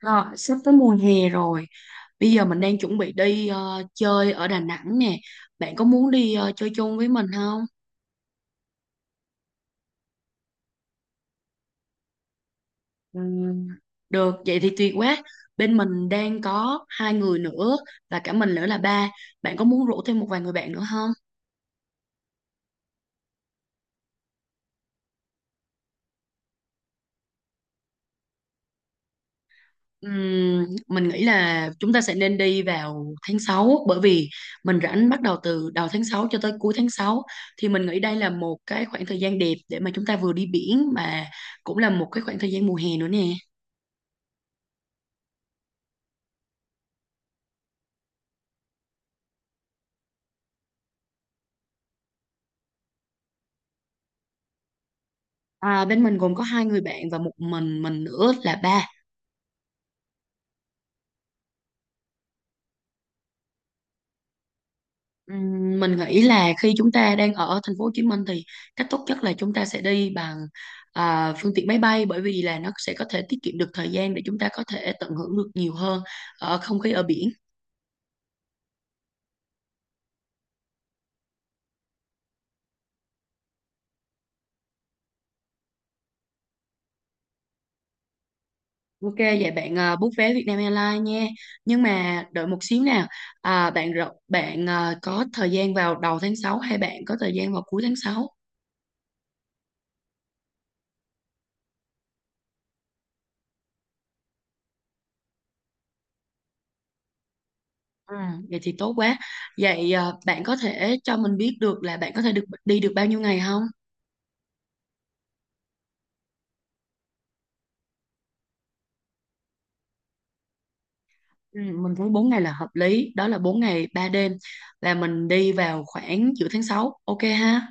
Rồi, sắp tới mùa hè rồi. Bây giờ mình đang chuẩn bị đi chơi ở Đà Nẵng nè. Bạn có muốn đi chơi chung với mình không? Ừm, được, vậy thì tuyệt quá. Bên mình đang có 2 người nữa và cả mình nữa là ba. Bạn có muốn rủ thêm một vài người bạn nữa không? Mình nghĩ là chúng ta sẽ nên đi vào tháng 6, bởi vì mình rảnh bắt đầu từ đầu tháng 6 cho tới cuối tháng 6. Thì mình nghĩ đây là một cái khoảng thời gian đẹp để mà chúng ta vừa đi biển mà cũng là một cái khoảng thời gian mùa hè nữa nè. À, bên mình gồm có 2 người bạn và một mình nữa là ba. Mình nghĩ là khi chúng ta đang ở thành phố Hồ Chí Minh thì cách tốt nhất là chúng ta sẽ đi bằng à, phương tiện máy bay bởi vì là nó sẽ có thể tiết kiệm được thời gian để chúng ta có thể tận hưởng được nhiều hơn ở không khí ở biển. Ok, vậy bạn à, book vé Vietnam Airlines nha. Nhưng mà đợi một xíu nào. À, bạn à, có thời gian vào đầu tháng 6 hay bạn có thời gian vào cuối tháng 6? Ừ, vậy thì tốt quá. Vậy à, bạn có thể cho mình biết được là bạn có thể được đi được bao nhiêu ngày không? Ừ, mình thấy 4 ngày là hợp lý, đó là 4 ngày 3 đêm, là mình đi vào khoảng giữa tháng 6, ok ha?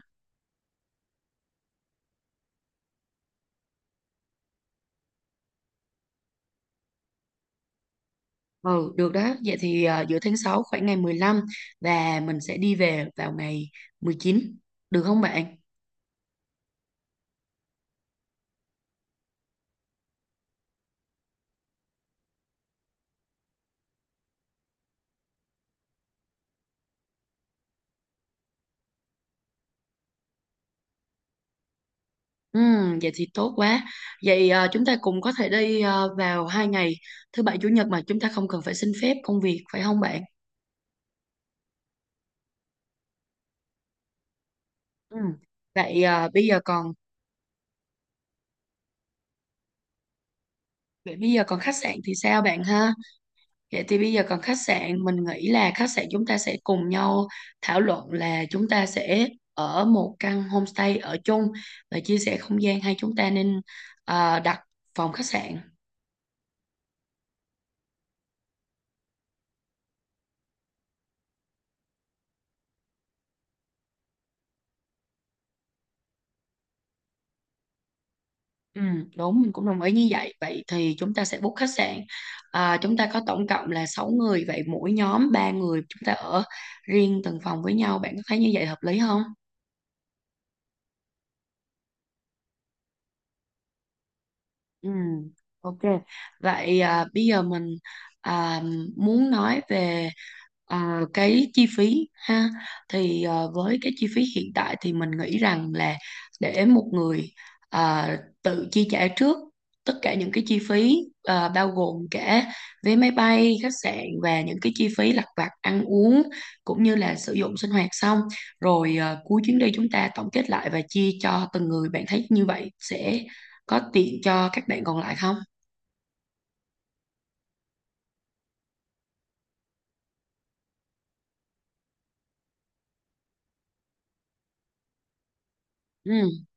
Ừ, được đó. Vậy thì à, giữa tháng 6 khoảng ngày 15 và mình sẽ đi về vào ngày 19, được không bạn? Ừ, vậy thì tốt quá. Vậy à, chúng ta cùng có thể đi à, vào 2 ngày thứ bảy chủ nhật mà chúng ta không cần phải xin phép công việc phải không bạn? Ừ. Vậy à, bây giờ còn Vậy bây giờ còn khách sạn thì sao bạn ha? Vậy thì bây giờ còn khách sạn, mình nghĩ là khách sạn chúng ta sẽ cùng nhau thảo luận là chúng ta sẽ ở một căn homestay ở chung và chia sẻ không gian, hay chúng ta nên à, đặt phòng khách sạn. Ừ, đúng, mình cũng đồng ý như vậy. Vậy thì chúng ta sẽ book khách sạn. À, chúng ta có tổng cộng là 6 người, vậy mỗi nhóm 3 người chúng ta ở riêng từng phòng với nhau. Bạn có thấy như vậy hợp lý không? Ừ, ok. Vậy à, bây giờ mình à, muốn nói về à, cái chi phí ha. Thì à, với cái chi phí hiện tại thì mình nghĩ rằng là để một người à, tự chi trả trước tất cả những cái chi phí, à, bao gồm cả vé máy bay, khách sạn và những cái chi phí lặt vặt ăn uống cũng như là sử dụng sinh hoạt, xong rồi à, cuối chuyến đi chúng ta tổng kết lại và chia cho từng người. Bạn thấy như vậy sẽ có tiện cho các bạn còn lại không? Ừ,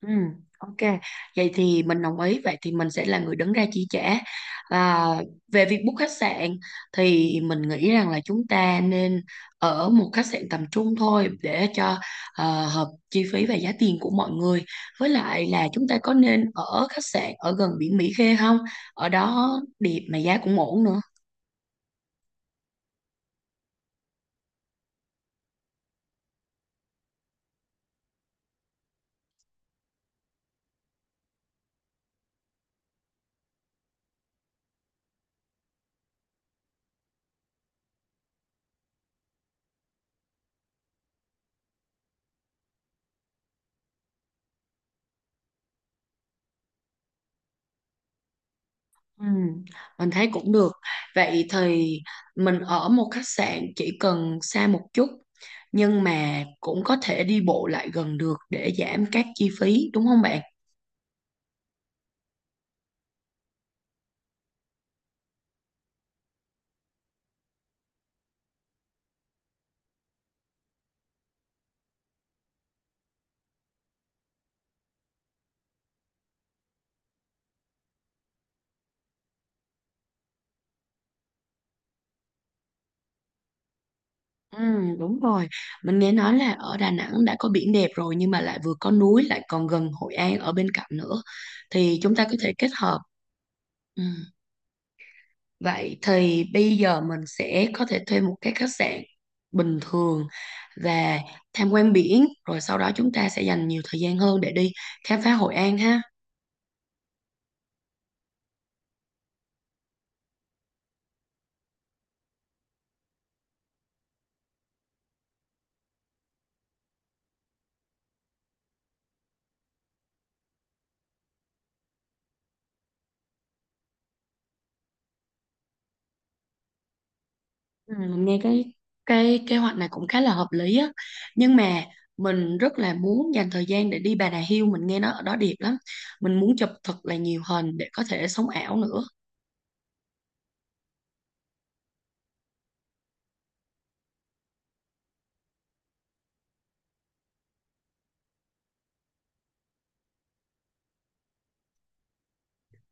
ừ, ok, vậy thì mình đồng ý. Vậy thì mình sẽ là người đứng ra chi trả. Và về việc book khách sạn, thì mình nghĩ rằng là chúng ta nên ở một khách sạn tầm trung thôi để cho hợp chi phí và giá tiền của mọi người. Với lại là chúng ta có nên ở khách sạn ở gần biển Mỹ Khê không? Ở đó đẹp mà giá cũng ổn nữa. Ừ, mình thấy cũng được. Vậy thì mình ở một khách sạn chỉ cần xa một chút nhưng mà cũng có thể đi bộ lại gần được để giảm các chi phí, đúng không bạn? Ừ, đúng rồi. Mình nghe nói là ở Đà Nẵng đã có biển đẹp rồi nhưng mà lại vừa có núi, lại còn gần Hội An ở bên cạnh nữa, thì chúng ta có thể kết hợp. Ừ. Vậy thì bây giờ mình sẽ có thể thuê một cái khách sạn bình thường và tham quan biển, rồi sau đó chúng ta sẽ dành nhiều thời gian hơn để đi khám phá Hội An ha. Ừ, mình nghe cái kế hoạch này cũng khá là hợp lý á. Nhưng mà mình rất là muốn dành thời gian để đi Bà Nà Hills, mình nghe nó ở đó đẹp lắm. Mình muốn chụp thật là nhiều hình để có thể sống ảo nữa.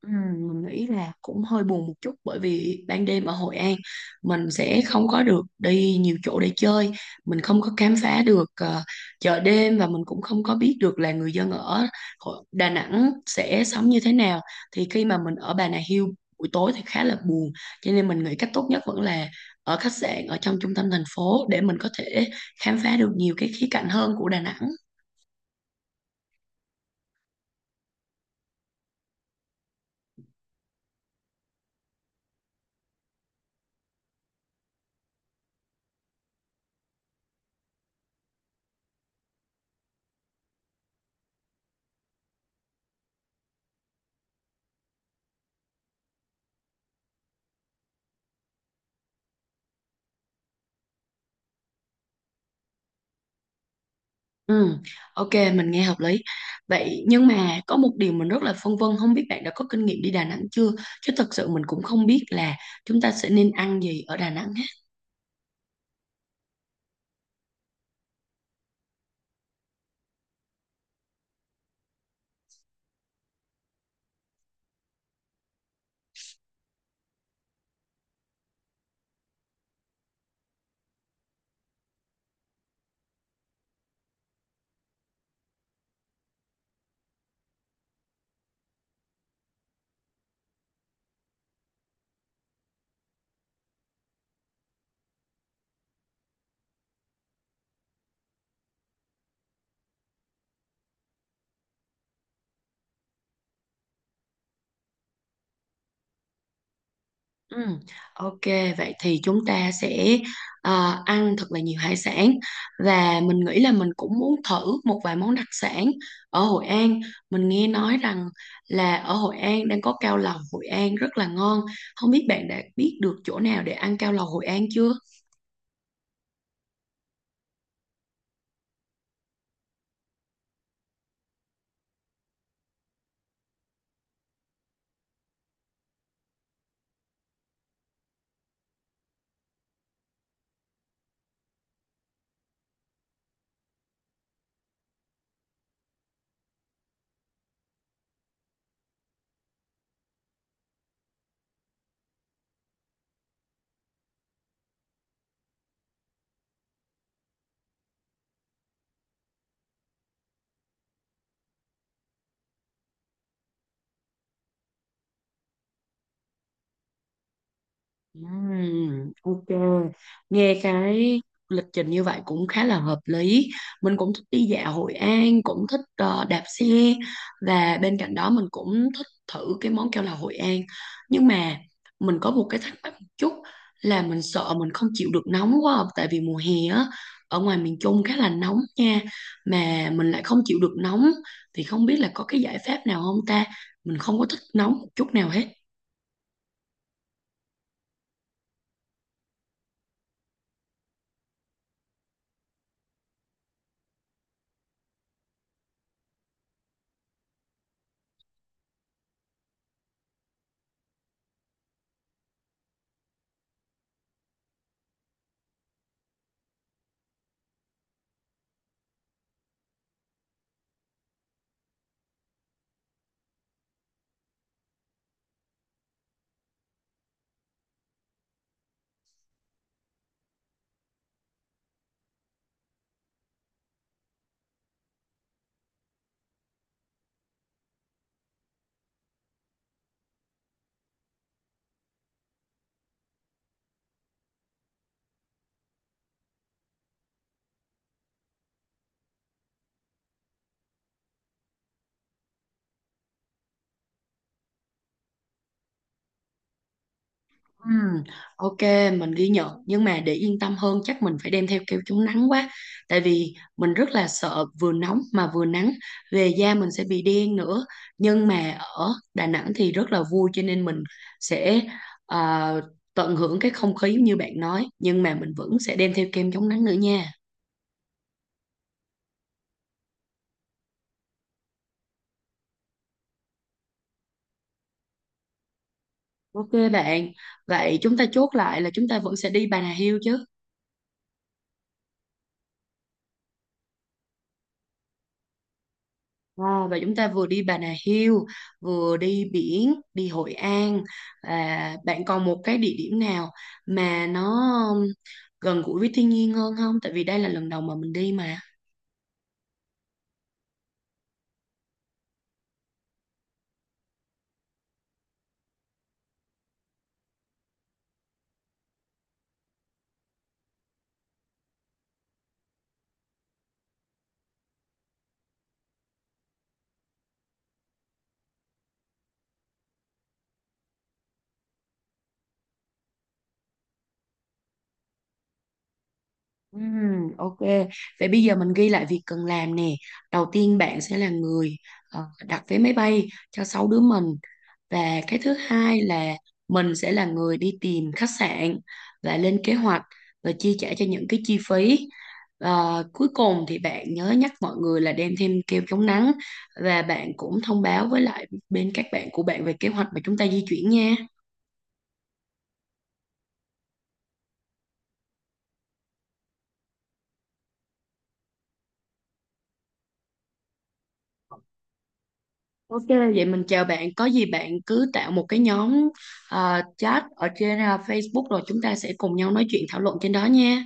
Ừ, mình nghĩ là cũng hơi buồn một chút bởi vì ban đêm ở Hội An mình sẽ không có được đi nhiều chỗ để chơi, mình không có khám phá được chợ đêm, và mình cũng không có biết được là người dân ở Đà Nẵng sẽ sống như thế nào. Thì khi mà mình ở Bà Nà Hills buổi tối thì khá là buồn, cho nên mình nghĩ cách tốt nhất vẫn là ở khách sạn ở trong trung tâm thành phố để mình có thể khám phá được nhiều cái khía cạnh hơn của Đà Nẵng. Ừ, ok, mình nghe hợp lý. Vậy nhưng mà có một điều mình rất là phân vân, không biết bạn đã có kinh nghiệm đi Đà Nẵng chưa? Chứ thật sự mình cũng không biết là chúng ta sẽ nên ăn gì ở Đà Nẵng hết. Ừ, ok, vậy thì chúng ta sẽ ăn thật là nhiều hải sản và mình nghĩ là mình cũng muốn thử một vài món đặc sản ở Hội An. Mình nghe nói rằng là ở Hội An đang có cao lầu Hội An rất là ngon. Không biết bạn đã biết được chỗ nào để ăn cao lầu Hội An chưa? Ok, nghe cái lịch trình như vậy cũng khá là hợp lý. Mình cũng thích đi dạo Hội An, cũng thích đạp xe, và bên cạnh đó mình cũng thích thử cái món keo là Hội An. Nhưng mà mình có một cái thắc mắc một chút, là mình sợ mình không chịu được nóng quá, à, tại vì mùa hè á, ở ngoài miền Trung khá là nóng nha, mà mình lại không chịu được nóng, thì không biết là có cái giải pháp nào không ta? Mình không có thích nóng một chút nào hết. Ừm, ok, mình ghi nhận, nhưng mà để yên tâm hơn chắc mình phải đem theo kem chống nắng quá. Tại vì mình rất là sợ vừa nóng mà vừa nắng, về da mình sẽ bị đen nữa. Nhưng mà ở Đà Nẵng thì rất là vui, cho nên mình sẽ à, tận hưởng cái không khí như bạn nói, nhưng mà mình vẫn sẽ đem theo kem chống nắng nữa nha. Ok bạn, vậy chúng ta chốt lại là chúng ta vẫn sẽ đi Bà Nà Hills chứ? À, và chúng ta vừa đi Bà Nà Hills, vừa đi biển, đi Hội An. À, bạn còn một cái địa điểm nào mà nó um, gần gũi với thiên nhiên hơn không? Tại vì đây là lần đầu mà mình đi mà. Ok. Vậy bây giờ mình ghi lại việc cần làm nè. Đầu tiên bạn sẽ là người ờ, đặt vé máy bay cho 6 đứa mình. Và cái thứ hai là mình sẽ là người đi tìm khách sạn và lên kế hoạch và chi trả cho những cái chi phí. Ờ, cuối cùng thì bạn nhớ nhắc mọi người là đem thêm kem chống nắng, và bạn cũng thông báo với lại bên các bạn của bạn về kế hoạch mà chúng ta di chuyển nha. Ok, vậy mình chào bạn. Có gì bạn cứ tạo một cái nhóm chat ở trên Facebook rồi chúng ta sẽ cùng nhau nói chuyện thảo luận trên đó nha.